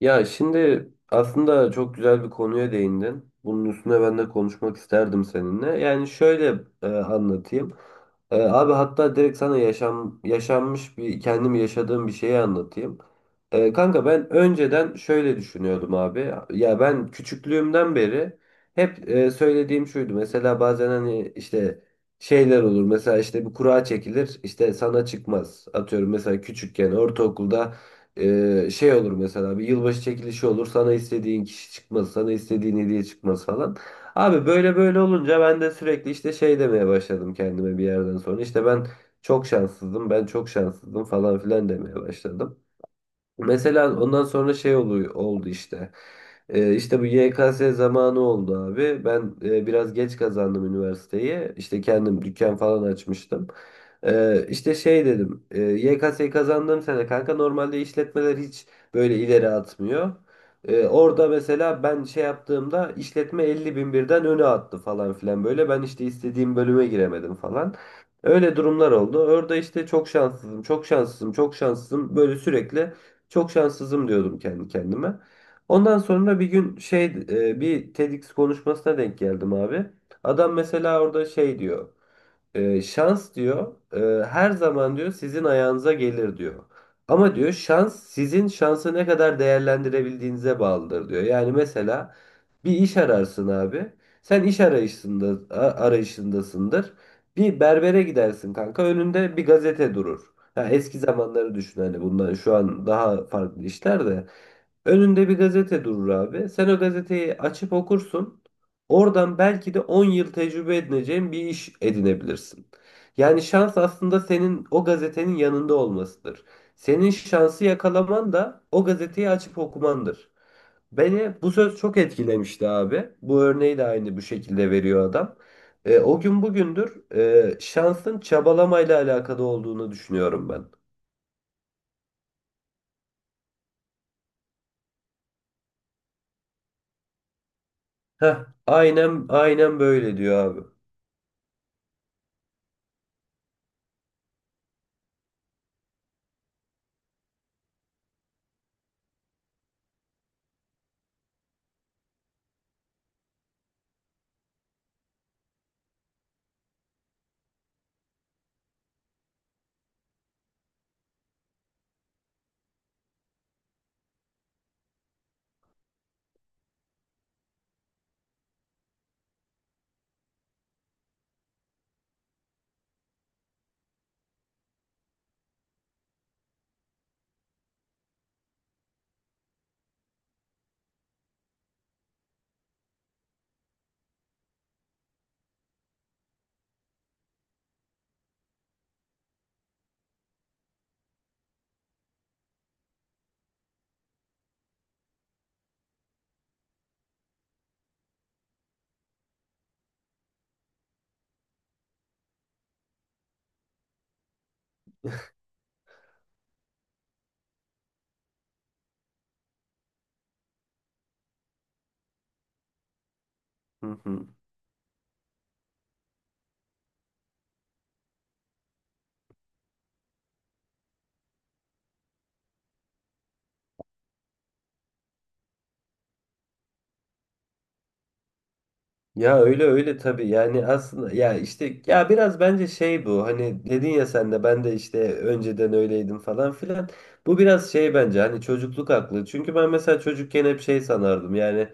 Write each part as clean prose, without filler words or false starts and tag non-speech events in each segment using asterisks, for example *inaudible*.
Ya şimdi aslında çok güzel bir konuya değindin. Bunun üstüne ben de konuşmak isterdim seninle. Yani şöyle, anlatayım. Abi hatta direkt sana yaşanmış bir kendim yaşadığım bir şeyi anlatayım. Kanka ben önceden şöyle düşünüyordum abi. Ya ben küçüklüğümden beri hep söylediğim şuydu. Mesela bazen hani işte şeyler olur. Mesela işte bir kura çekilir. İşte sana çıkmaz. Atıyorum mesela küçükken ortaokulda şey olur mesela, bir yılbaşı çekilişi olur, sana istediğin kişi çıkmaz, sana istediğin hediye çıkmaz falan. Abi böyle böyle olunca ben de sürekli işte şey demeye başladım kendime. Bir yerden sonra işte ben çok şanssızdım, ben çok şanssızdım falan filan demeye başladım. Mesela ondan sonra şey oluyor, oldu işte. İşte bu YKS zamanı oldu abi. Ben biraz geç kazandım üniversiteyi. İşte kendim dükkan falan açmıştım. İşte şey dedim. YKS'yi kazandığım sene kanka normalde işletmeler hiç böyle ileri atmıyor. Orada mesela ben şey yaptığımda işletme 50 bin birden öne attı falan filan böyle. Ben işte istediğim bölüme giremedim falan. Öyle durumlar oldu. Orada işte çok şanssızım, çok şanssızım, çok şanssızım. Böyle sürekli çok şanssızım diyordum kendi kendime. Ondan sonra bir gün bir TEDx konuşmasına denk geldim abi. Adam mesela orada şey diyor. Şans diyor her zaman diyor sizin ayağınıza gelir diyor. Ama diyor şans, sizin şansı ne kadar değerlendirebildiğinize bağlıdır diyor. Yani mesela bir iş ararsın abi. Sen iş arayışında arayışındasındır. Bir berbere gidersin kanka. Önünde bir gazete durur. Ha, eski zamanları düşün, hani bundan şu an daha farklı işler de. Önünde bir gazete durur abi. Sen o gazeteyi açıp okursun. Oradan belki de 10 yıl tecrübe edineceğin bir iş edinebilirsin. Yani şans aslında senin o gazetenin yanında olmasıdır. Senin şansı yakalaman da o gazeteyi açıp okumandır. Beni bu söz çok etkilemişti abi. Bu örneği de aynı bu şekilde veriyor adam. O gün bugündür şansın çabalamayla alakalı olduğunu düşünüyorum ben. Heh, aynen aynen böyle diyor abi. Hı hı. Ya öyle öyle tabii. Yani aslında ya işte, ya biraz bence şey, bu hani dedin ya, sen de ben de işte önceden öyleydim falan filan, bu biraz şey bence, hani çocukluk aklı. Çünkü ben mesela çocukken hep şey sanardım. Yani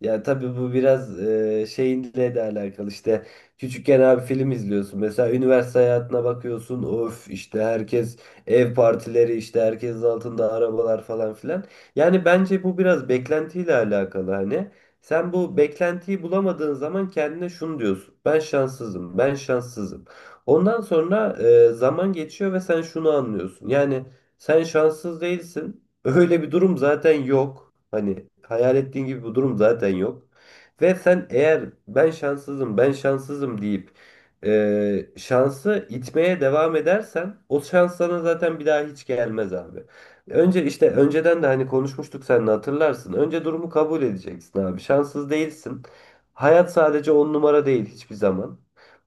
ya tabii bu biraz şeyinle de alakalı işte, küçükken abi film izliyorsun mesela, üniversite hayatına bakıyorsun, of, işte herkes ev partileri, işte herkesin altında arabalar falan filan. Yani bence bu biraz beklentiyle alakalı hani. Sen bu beklentiyi bulamadığın zaman kendine şunu diyorsun: ben şanssızım, ben şanssızım. Ondan sonra zaman geçiyor ve sen şunu anlıyorsun. Yani sen şanssız değilsin. *laughs* Öyle bir durum zaten yok. Hani hayal ettiğin gibi bir durum zaten yok. Ve sen eğer ben şanssızım, ben şanssızım deyip şansı itmeye devam edersen o şans sana zaten bir daha hiç gelmez abi. Önce, işte önceden de hani konuşmuştuk seninle hatırlarsın, önce durumu kabul edeceksin abi. Şanssız değilsin. Hayat sadece on numara değil hiçbir zaman.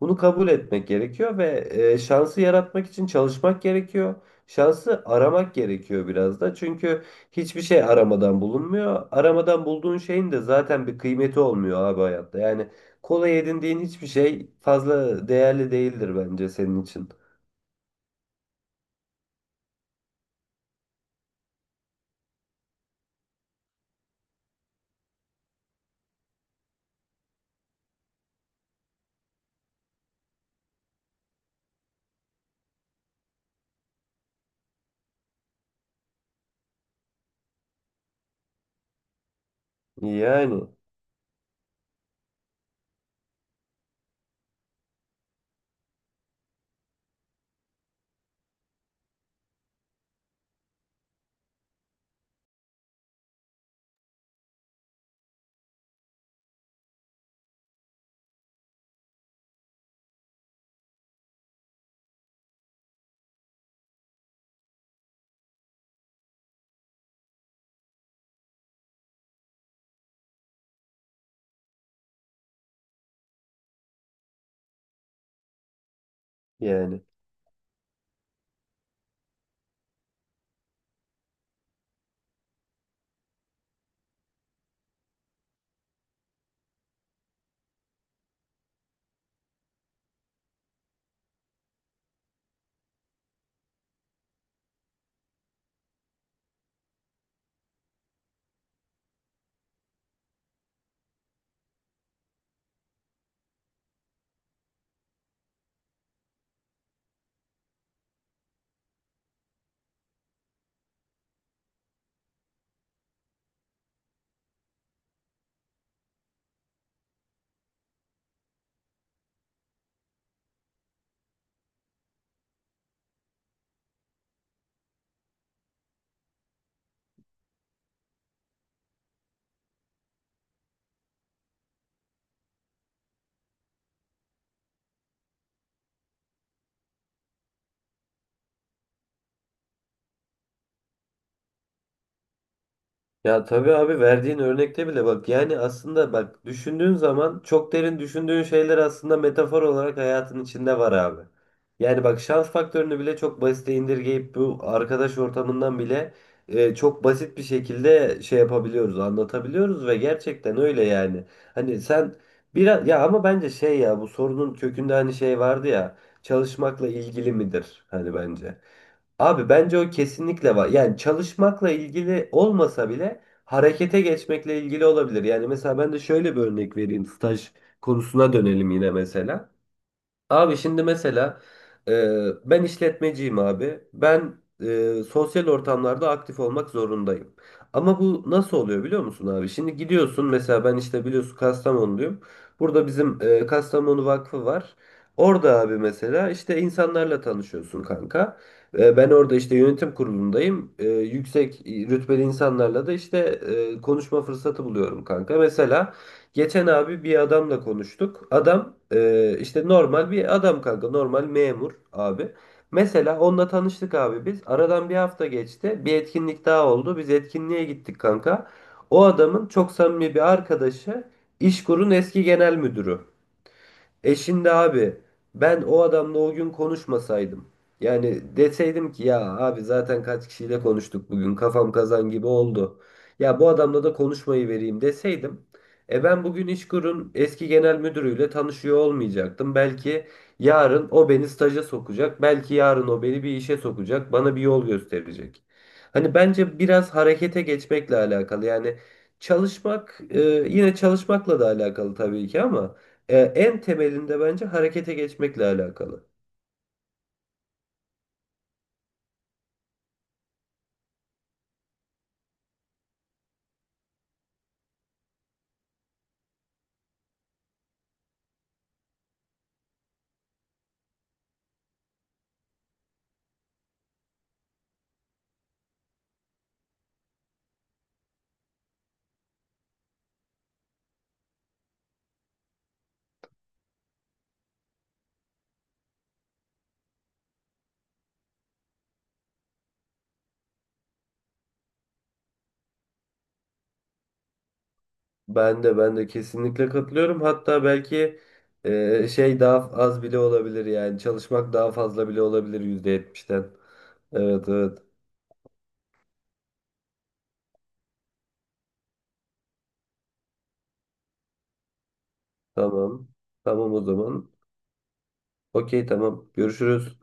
Bunu kabul etmek gerekiyor ve şansı yaratmak için çalışmak gerekiyor. Şansı aramak gerekiyor biraz da. Çünkü hiçbir şey aramadan bulunmuyor. Aramadan bulduğun şeyin de zaten bir kıymeti olmuyor abi hayatta. Yani kolay edindiğin hiçbir şey fazla değerli değildir bence senin için. Yani yani. Ya tabii abi, verdiğin örnekte bile bak, yani aslında bak, düşündüğün zaman çok derin düşündüğün şeyler aslında metafor olarak hayatın içinde var abi. Yani bak, şans faktörünü bile çok basite indirgeyip bu arkadaş ortamından bile çok basit bir şekilde şey yapabiliyoruz, anlatabiliyoruz ve gerçekten öyle yani. Hani sen biraz, ya ama bence şey, ya bu sorunun kökünde hani şey vardı ya, çalışmakla ilgili midir hani, bence. Abi bence o kesinlikle var. Yani çalışmakla ilgili olmasa bile harekete geçmekle ilgili olabilir. Yani mesela ben de şöyle bir örnek vereyim. Staj konusuna dönelim yine mesela. Abi şimdi mesela e, ben işletmeciyim abi. Ben sosyal ortamlarda aktif olmak zorundayım. Ama bu nasıl oluyor biliyor musun abi? Şimdi gidiyorsun mesela, ben işte biliyorsun Kastamonluyum. Burada bizim Kastamonu Vakfı var. Orada abi mesela işte insanlarla tanışıyorsun kanka. Ben orada işte yönetim kurulundayım. Yüksek rütbeli insanlarla da işte konuşma fırsatı buluyorum kanka. Mesela geçen abi bir adamla konuştuk. Adam işte normal bir adam kanka. Normal memur abi. Mesela onunla tanıştık abi biz. Aradan bir hafta geçti. Bir etkinlik daha oldu. Biz etkinliğe gittik kanka. O adamın çok samimi bir arkadaşı İşkur'un eski genel müdürü. E şimdi abi, ben o adamla o gün konuşmasaydım, yani deseydim ki ya abi zaten kaç kişiyle konuştuk bugün, kafam kazan gibi oldu, ya bu adamla da konuşmayı vereyim deseydim, e ben bugün İşkur'un eski genel müdürüyle tanışıyor olmayacaktım. Belki yarın o beni staja sokacak. Belki yarın o beni bir işe sokacak. Bana bir yol gösterecek. Hani bence biraz harekete geçmekle alakalı. Yani çalışmak, yine çalışmakla da alakalı tabii ki ama. En temelinde bence harekete geçmekle alakalı. Ben de kesinlikle katılıyorum. Hatta belki şey daha az bile olabilir, yani çalışmak daha fazla bile olabilir %70'ten. Evet evet, tamam. Tamam o zaman. Okey tamam. Görüşürüz.